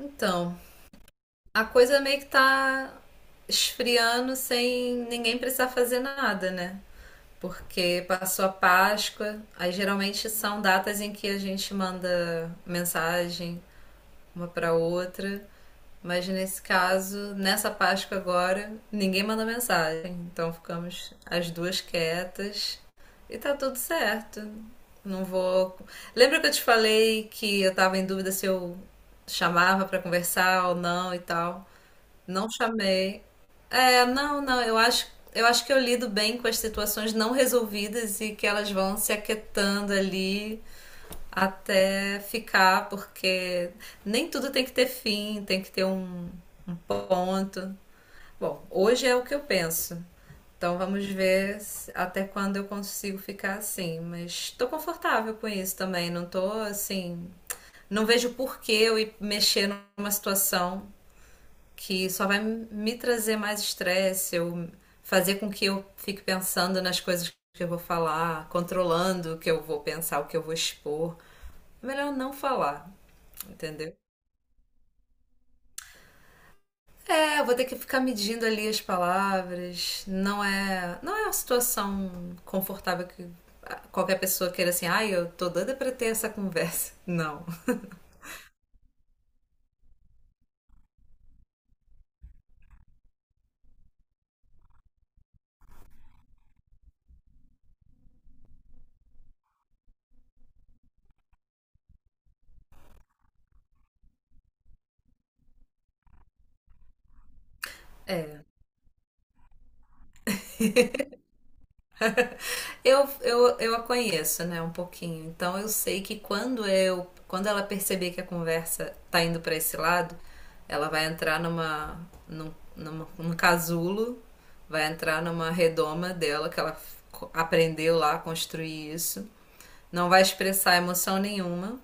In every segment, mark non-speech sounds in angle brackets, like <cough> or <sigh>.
Então, a coisa meio que tá esfriando sem ninguém precisar fazer nada, né? Porque passou a Páscoa, aí geralmente são datas em que a gente manda mensagem uma pra outra, mas nesse caso, nessa Páscoa agora, ninguém manda mensagem, então ficamos as duas quietas e tá tudo certo. Não vou. Lembra que eu te falei que eu tava em dúvida se eu chamava pra conversar ou não e tal? Não chamei. É, não, não, eu acho que eu lido bem com as situações não resolvidas e que elas vão se aquietando ali até ficar, porque nem tudo tem que ter fim, tem que ter um ponto. Bom, hoje é o que eu penso. Então vamos ver até quando eu consigo ficar assim, mas tô confortável com isso também, não tô assim, não vejo por que eu ir mexer numa situação que só vai me trazer mais estresse, eu fazer com que eu fique pensando nas coisas que eu vou falar, controlando o que eu vou pensar, o que eu vou expor. Melhor não falar, entendeu? É, eu vou ter que ficar medindo ali as palavras. Não é uma situação confortável que qualquer pessoa queira assim, ai, eu tô doida pra ter essa conversa. Não. Eu a conheço, né, um pouquinho. Então eu sei que quando ela perceber que a conversa tá indo para esse lado, ela vai entrar num casulo, vai entrar numa redoma dela que ela aprendeu lá a construir isso. Não vai expressar emoção nenhuma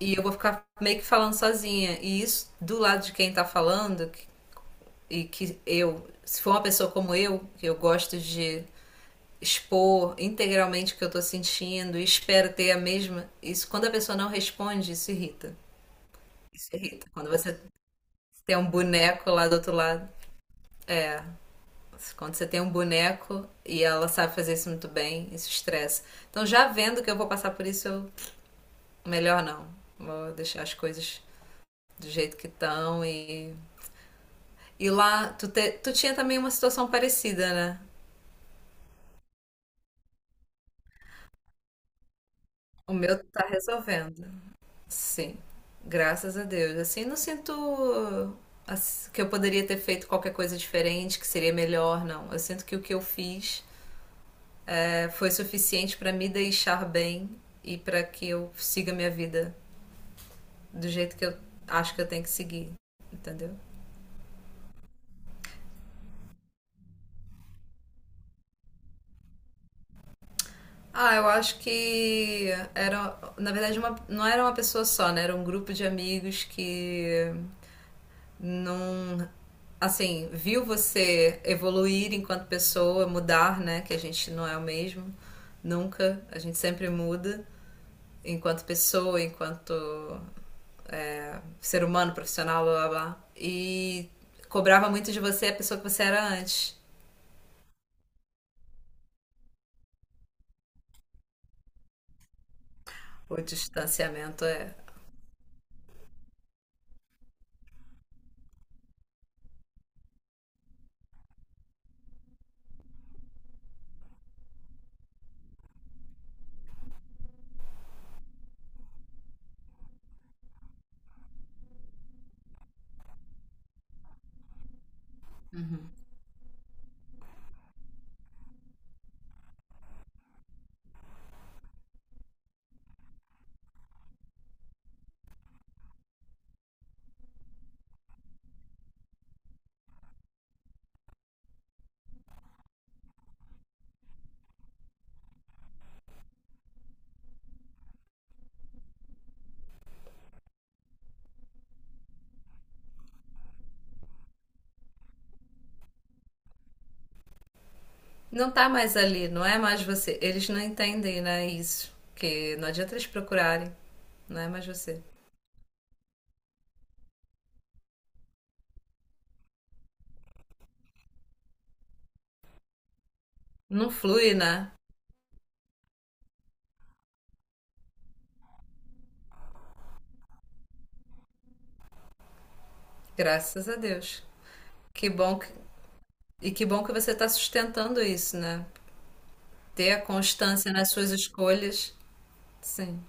e eu vou ficar meio que falando sozinha. E isso do lado de quem tá e que eu, se for uma pessoa como eu, que eu gosto de expor integralmente o que eu tô sentindo e espero ter a mesma. Isso, quando a pessoa não responde, isso irrita. Isso irrita. Quando você tem um boneco lá do outro lado. É. Quando você tem um boneco e ela sabe fazer isso muito bem, isso estressa. Então, já vendo que eu vou passar por isso, eu... melhor não. Vou deixar as coisas do jeito que estão e. E lá, tu tinha também uma situação parecida, né? O meu tá resolvendo. Sim, graças a Deus. Assim, não sinto que eu poderia ter feito qualquer coisa diferente, que seria melhor, não. Eu sinto que o que eu fiz foi suficiente para me deixar bem e para que eu siga minha vida do jeito que eu acho que eu tenho que seguir, entendeu? Ah, eu acho que era, na verdade, uma, não era uma pessoa só, né? Era um grupo de amigos que não assim, viu você evoluir enquanto pessoa, mudar, né, que a gente não é o mesmo nunca, a gente sempre muda enquanto pessoa, enquanto é, ser humano, profissional, blá blá blá. E cobrava muito de você a pessoa que você era antes. O distanciamento é. Não tá mais ali, não é mais você. Eles não entendem, né, isso. Que não adianta eles procurarem. Não é mais você. Não flui, né? Graças a Deus. Que bom que E que bom que você está sustentando isso, né? Ter a constância nas suas escolhas, sim,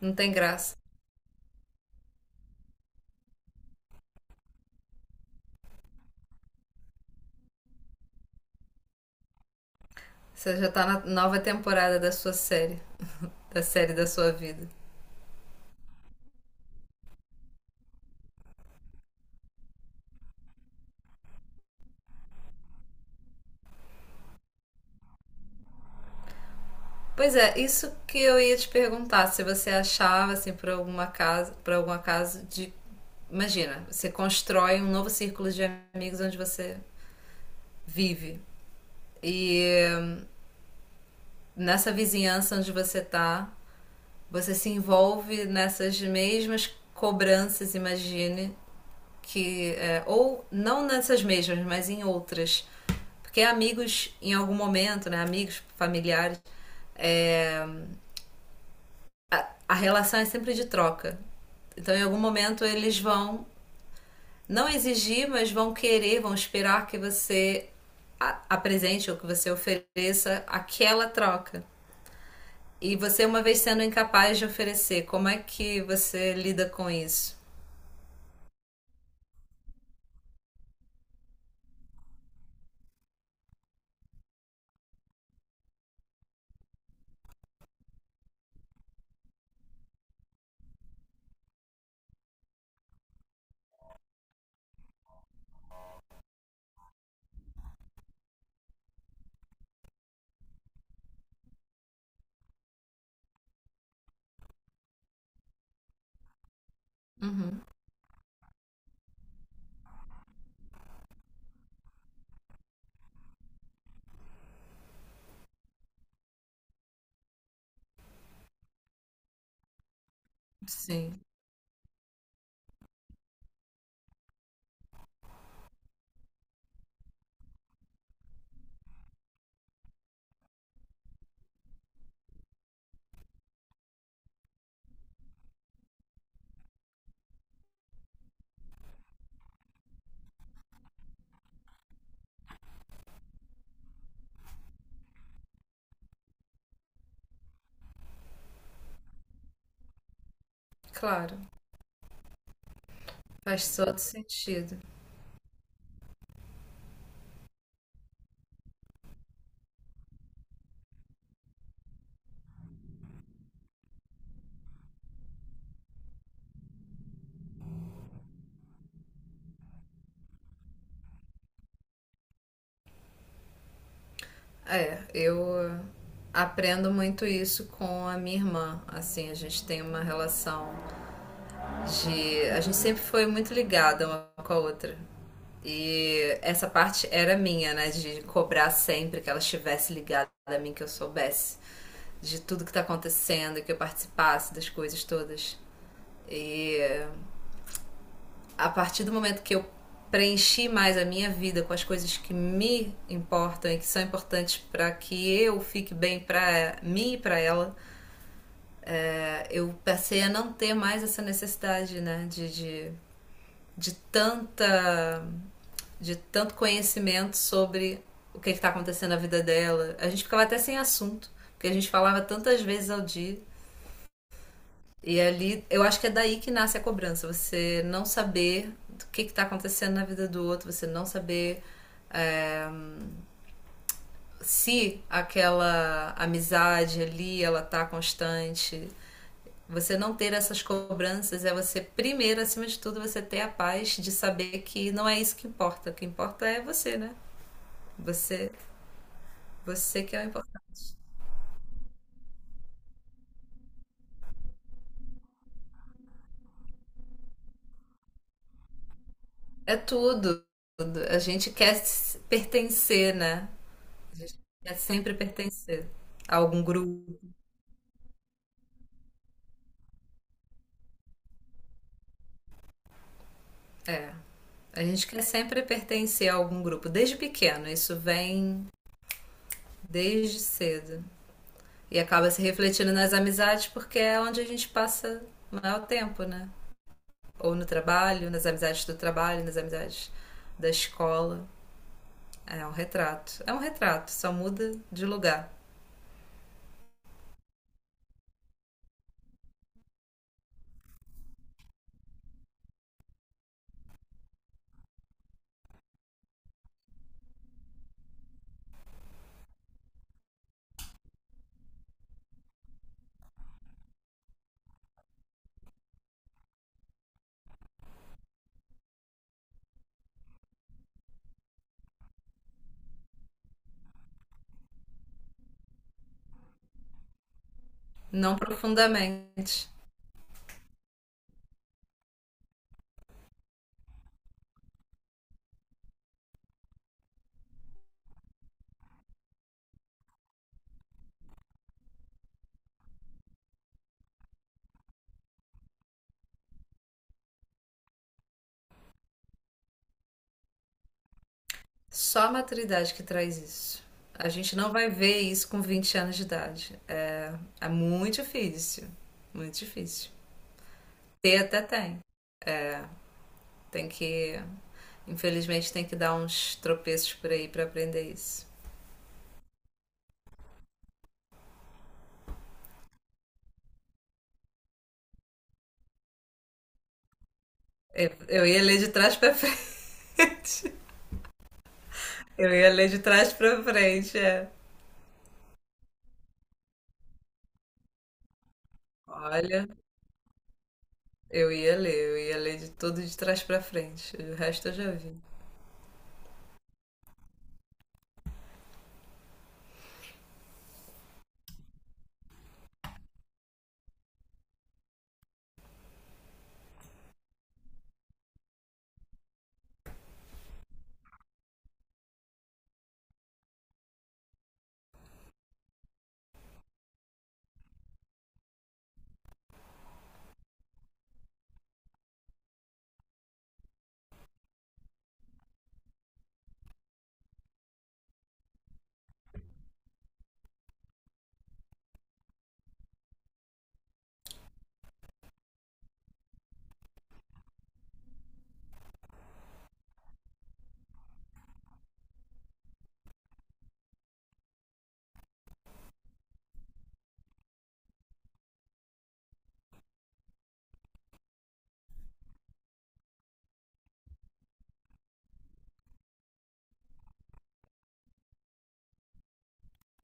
não tem graça. Você já está na nova temporada da sua série, <laughs> da série da sua vida. Pois é, isso que eu ia te perguntar, se você achava assim por alguma casa, por algum acaso de imagina, você constrói um novo círculo de amigos onde você vive e nessa vizinhança onde você tá, você se envolve nessas mesmas cobranças, imagine, que é, ou não nessas mesmas, mas em outras, porque amigos em algum momento, né, amigos familiares, é, a relação é sempre de troca. Então, em algum momento eles vão não exigir, mas vão querer, vão esperar que você apresente ou que você ofereça aquela troca. E você, uma vez sendo incapaz de oferecer, como é que você lida com isso? Uhum, sim, claro. Faz todo sentido. É, eu aprendo muito isso com a minha irmã. Assim, a gente tem uma relação de. A gente sempre foi muito ligada uma com a outra. E essa parte era minha, né? De cobrar sempre que ela estivesse ligada a mim, que eu soubesse de tudo que tá acontecendo, que eu participasse das coisas todas. E a partir do momento que eu preenchi mais a minha vida com as coisas que me importam e que são importantes para que eu fique bem para mim e para ela, eu passei a não ter mais essa necessidade, né, de tanta de tanto conhecimento sobre o que está acontecendo na vida dela. A gente ficava até sem assunto, porque a gente falava tantas vezes ao dia E ali, eu acho que é daí que nasce a cobrança. Você não saber o que está acontecendo na vida do outro, você não saber é, se aquela amizade ali ela tá constante. Você não ter essas cobranças é você, primeiro, acima de tudo, você ter a paz de saber que não é isso que importa. O que importa é você, né? Você, você que é o importante. É tudo. A gente quer pertencer, né? A gente quer sempre pertencer a algum grupo. A gente quer sempre pertencer a algum grupo, desde pequeno, isso vem desde cedo. E acaba se refletindo nas amizades porque é onde a gente passa o maior tempo, né? Ou no trabalho, nas amizades do trabalho, nas amizades da escola. É um retrato. É um retrato, só muda de lugar. Não profundamente. Só a maturidade que traz isso. A gente não vai ver isso com 20 anos de idade. É, é muito difícil. Muito difícil. Ter até tem. Tem que. Infelizmente, tem que dar uns tropeços por aí pra aprender isso. Eu ia ler de trás pra frente. <laughs> Eu ia ler de trás pra frente, é. Olha, eu ia ler de tudo de trás pra frente. O resto eu já vi.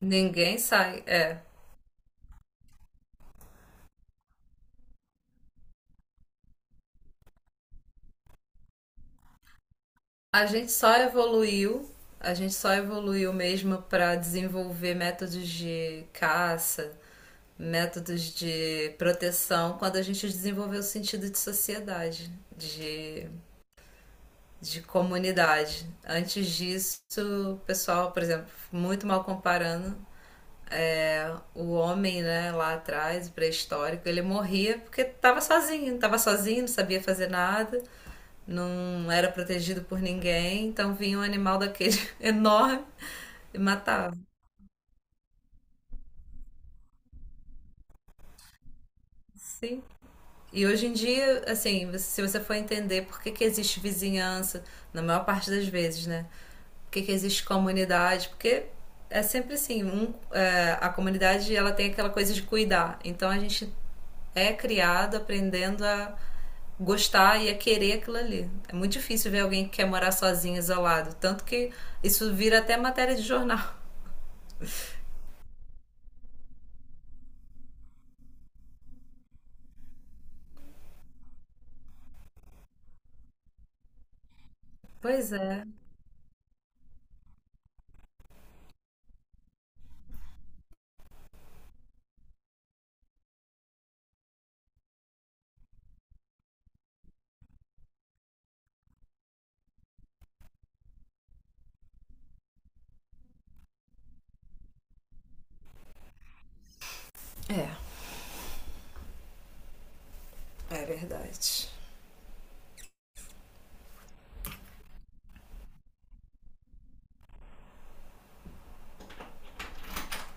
Ninguém sai, é. A gente só evoluiu, a gente só evoluiu mesmo pra desenvolver métodos de caça, métodos de proteção, quando a gente desenvolveu o sentido de sociedade, de de comunidade. Antes disso, o pessoal, por exemplo, muito mal comparando, é, o homem, né, lá atrás, pré-histórico, ele morria porque estava sozinho, não sabia fazer nada, não era protegido por ninguém, então vinha um animal daquele <laughs> enorme e matava. Sim, e hoje em dia, assim, se você for entender por que que existe vizinhança, na maior parte das vezes, né? Por que que existe comunidade? Porque é sempre assim, um, é, a comunidade ela tem aquela coisa de cuidar. Então a gente é criado aprendendo a gostar e a querer aquilo ali. É muito difícil ver alguém que quer morar sozinho, isolado. Tanto que isso vira até matéria de jornal. Pois é, é, é verdade.